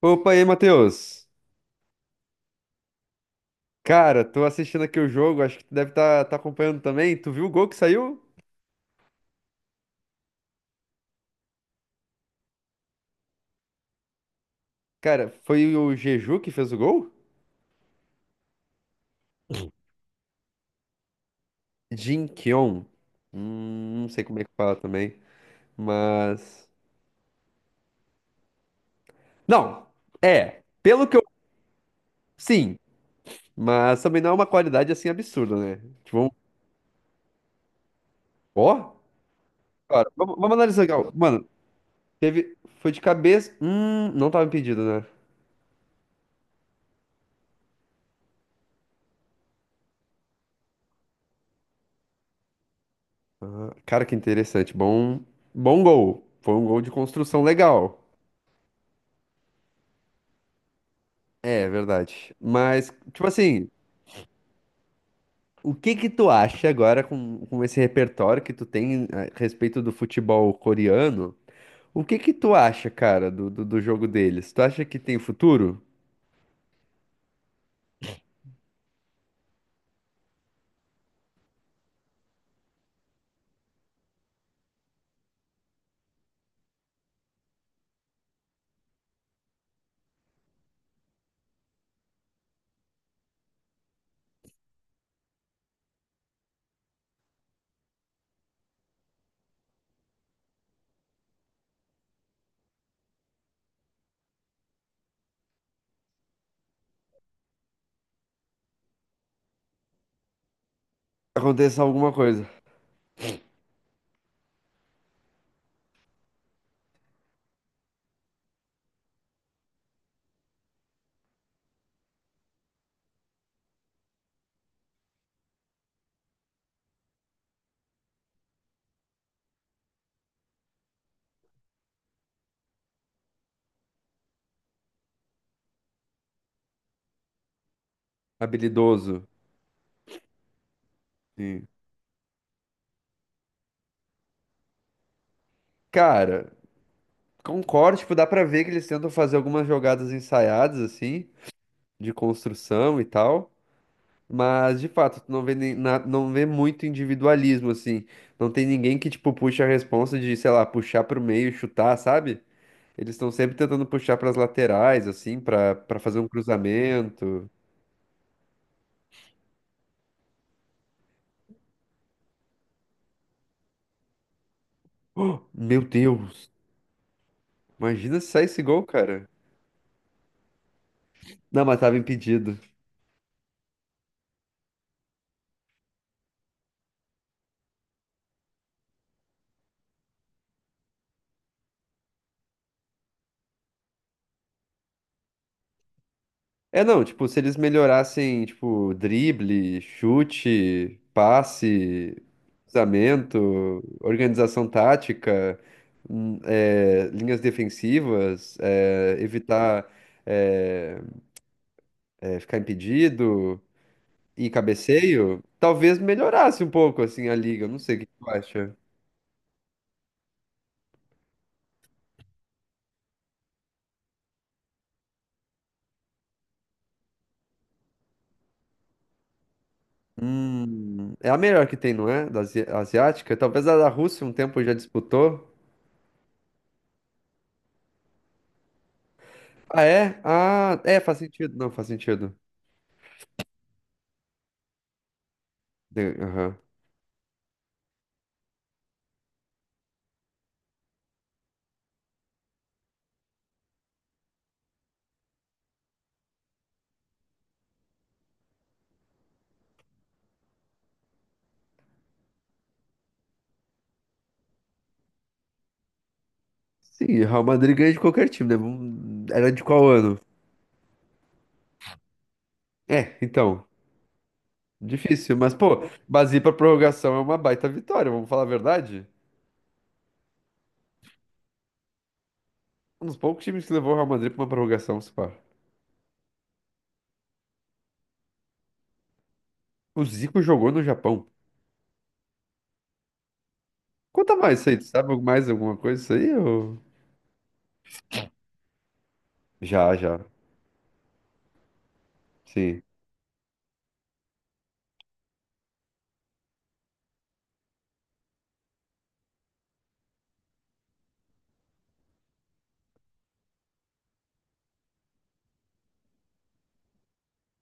Opa, e aí, Matheus? Cara, tô assistindo aqui o jogo, acho que tu deve estar acompanhando também. Tu viu o gol que saiu? Cara, foi o Jeju que fez o gol? Jin Kyung. Não sei como é que fala também, mas... Não, é, pelo que eu... Sim, mas também não é uma qualidade assim absurda, né? Tipo, ó, cara, vamos analisar aqui, ó. Mano, teve... Foi de cabeça... não tava impedido, né? Cara, que interessante, bom... Bom gol. Foi um gol de construção legal. É, verdade. Mas, tipo assim, o que que tu acha agora com esse repertório que tu tem a respeito do futebol coreano? O que que tu acha, cara, do jogo deles? Tu acha que tem futuro? Aconteça alguma coisa. Habilidoso. Sim. Cara, concordo, tipo, dá pra ver que eles tentam fazer algumas jogadas ensaiadas, assim, de construção e tal. Mas, de fato, tu não vê, não vê muito individualismo, assim. Não tem ninguém que, tipo, puxa a responsa de, sei lá, puxar pro meio, e chutar, sabe? Eles estão sempre tentando puxar pras laterais, assim, pra fazer um cruzamento. Oh, meu Deus! Imagina se sai esse gol, cara. Não, mas tava impedido. É, não, tipo, se eles melhorassem, tipo, drible, chute, passe, cruzamento, organização tática, linhas defensivas, é, evitar é, ficar impedido e cabeceio, talvez melhorasse um pouco, assim, a liga. Eu não sei o que tu acha. É a melhor que tem, não é? Da asiática? Talvez a da Rússia um tempo já disputou. Ah, é? Ah, é, faz sentido. Não, faz sentido. Aham. Sim, Real Madrid ganha de qualquer time, né? Era de qual ano? É, então, difícil, mas pô, Basir pra prorrogação é uma baita vitória, vamos falar a verdade? Um dos poucos times que levou o Real Madrid pra uma prorrogação, se pá. O Zico jogou no Japão. Conta mais isso aí, tu sabe mais alguma coisa isso aí? Ou... Já, sim.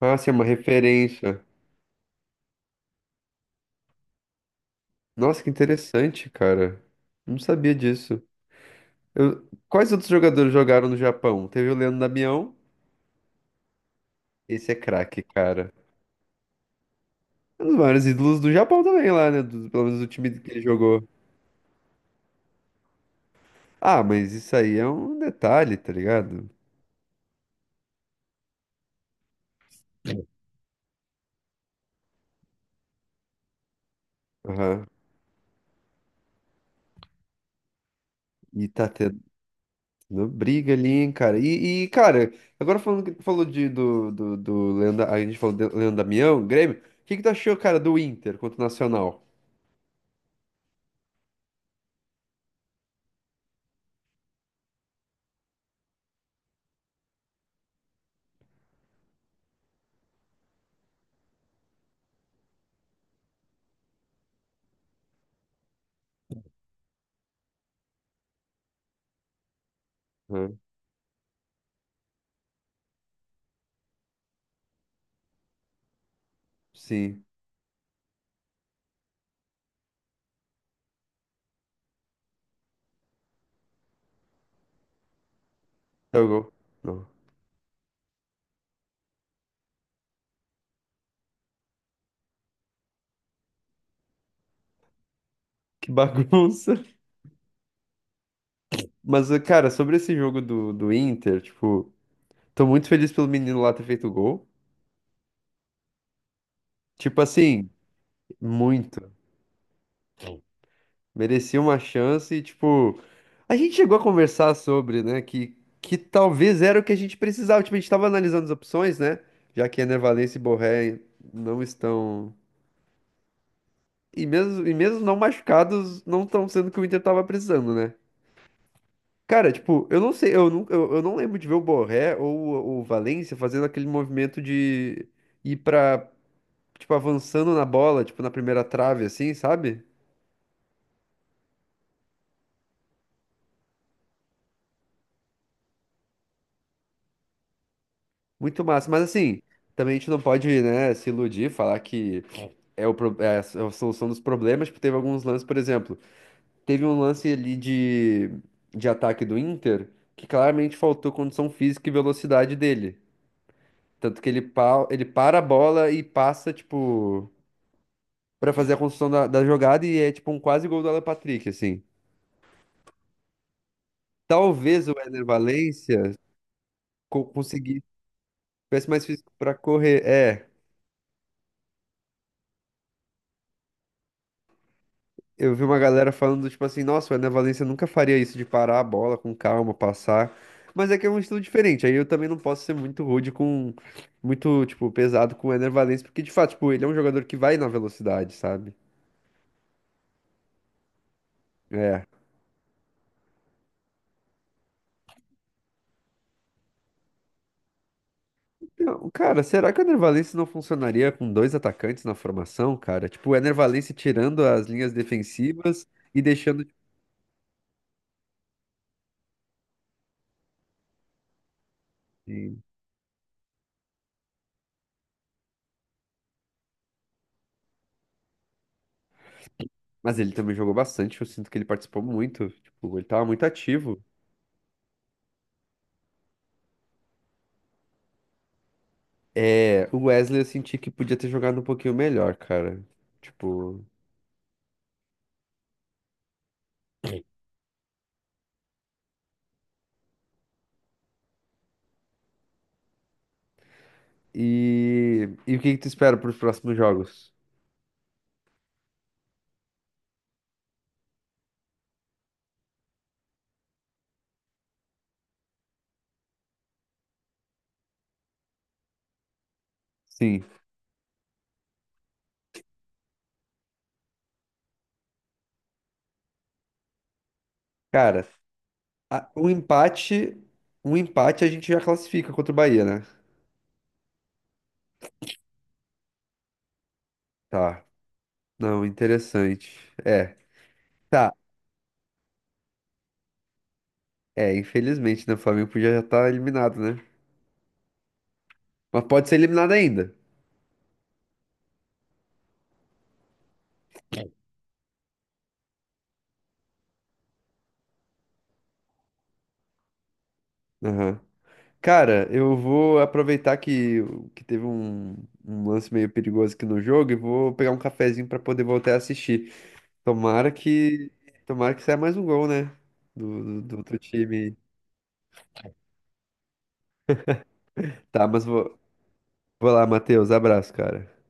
Ah, sim, é uma referência. Nossa, que interessante, cara. Não sabia disso. Eu- Quais outros jogadores jogaram no Japão? Teve o Leandro Damião. Esse é craque, cara. É um dos maiores ídolos do Japão também lá, né? Pelo menos do time que ele jogou. Ah, mas isso aí é um detalhe, tá ligado? Aham. E tá tendo briga ali, hein, cara. Cara, agora falando que falou de, do Leandro, a gente falou de Leandro Damião, Grêmio. O que que tu achou, cara, do Inter contra o Nacional? Aham. Sim. Jogou. Não. Que bagunça. Mas, cara, sobre esse jogo do Inter, tipo, tô muito feliz pelo menino lá ter feito o gol. Tipo assim, muito. Merecia uma chance e, tipo, a gente chegou a conversar sobre, né, que talvez era o que a gente precisava. Tipo, a gente tava analisando as opções, né, já que Ener Valencia e Borré não estão... e mesmo não machucados, não estão sendo o que o Inter tava precisando, né? Cara, tipo, eu não sei, eu não lembro de ver o Borré ou o Valência fazendo aquele movimento de ir pra, tipo, avançando na bola, tipo, na primeira trave, assim, sabe? Muito massa, mas assim, também a gente não pode, né, se iludir, falar que é, é a solução dos problemas, porque teve alguns lances, por exemplo, teve um lance ali de ataque do Inter, que claramente faltou condição física e velocidade dele. Tanto que ele, ele para a bola e passa, tipo, pra fazer a construção da jogada e é, tipo, um quase gol do Alan Patrick, assim. Talvez o Éder Valencia conseguisse, tivesse mais físico pra correr, é. Eu vi uma galera falando, tipo assim, nossa, o Ené Valencia nunca faria isso de parar a bola com calma, passar. Mas é que é um estilo diferente. Aí eu também não posso ser muito rude com, muito, tipo, pesado com o Ené Valencia, porque de fato, tipo, ele é um jogador que vai na velocidade, sabe? É. Não, cara, será que o Ener Valencia não funcionaria com dois atacantes na formação, cara? Tipo, o Ener Valencia tirando as linhas defensivas e deixando. Sim. Mas ele também jogou bastante, eu sinto que ele participou muito. Tipo, ele tava muito ativo. É, o Wesley eu senti que podia ter jogado um pouquinho melhor, cara. Tipo. E o que que tu espera para os próximos jogos? Sim. Cara, a- um empate. Um empate a gente já classifica contra o Bahia, né? Tá. Não, interessante. É. Tá. É, infelizmente, né? O Flamengo podia já estar eliminado, né? Mas pode ser eliminado ainda. Aham. Cara, eu vou aproveitar que teve um, um lance meio perigoso aqui no jogo e vou pegar um cafezinho para poder voltar a assistir. Tomara que, tomara que saia mais um gol, né? Do outro time. Tá, mas vou, vou lá, Matheus. Abraço, cara.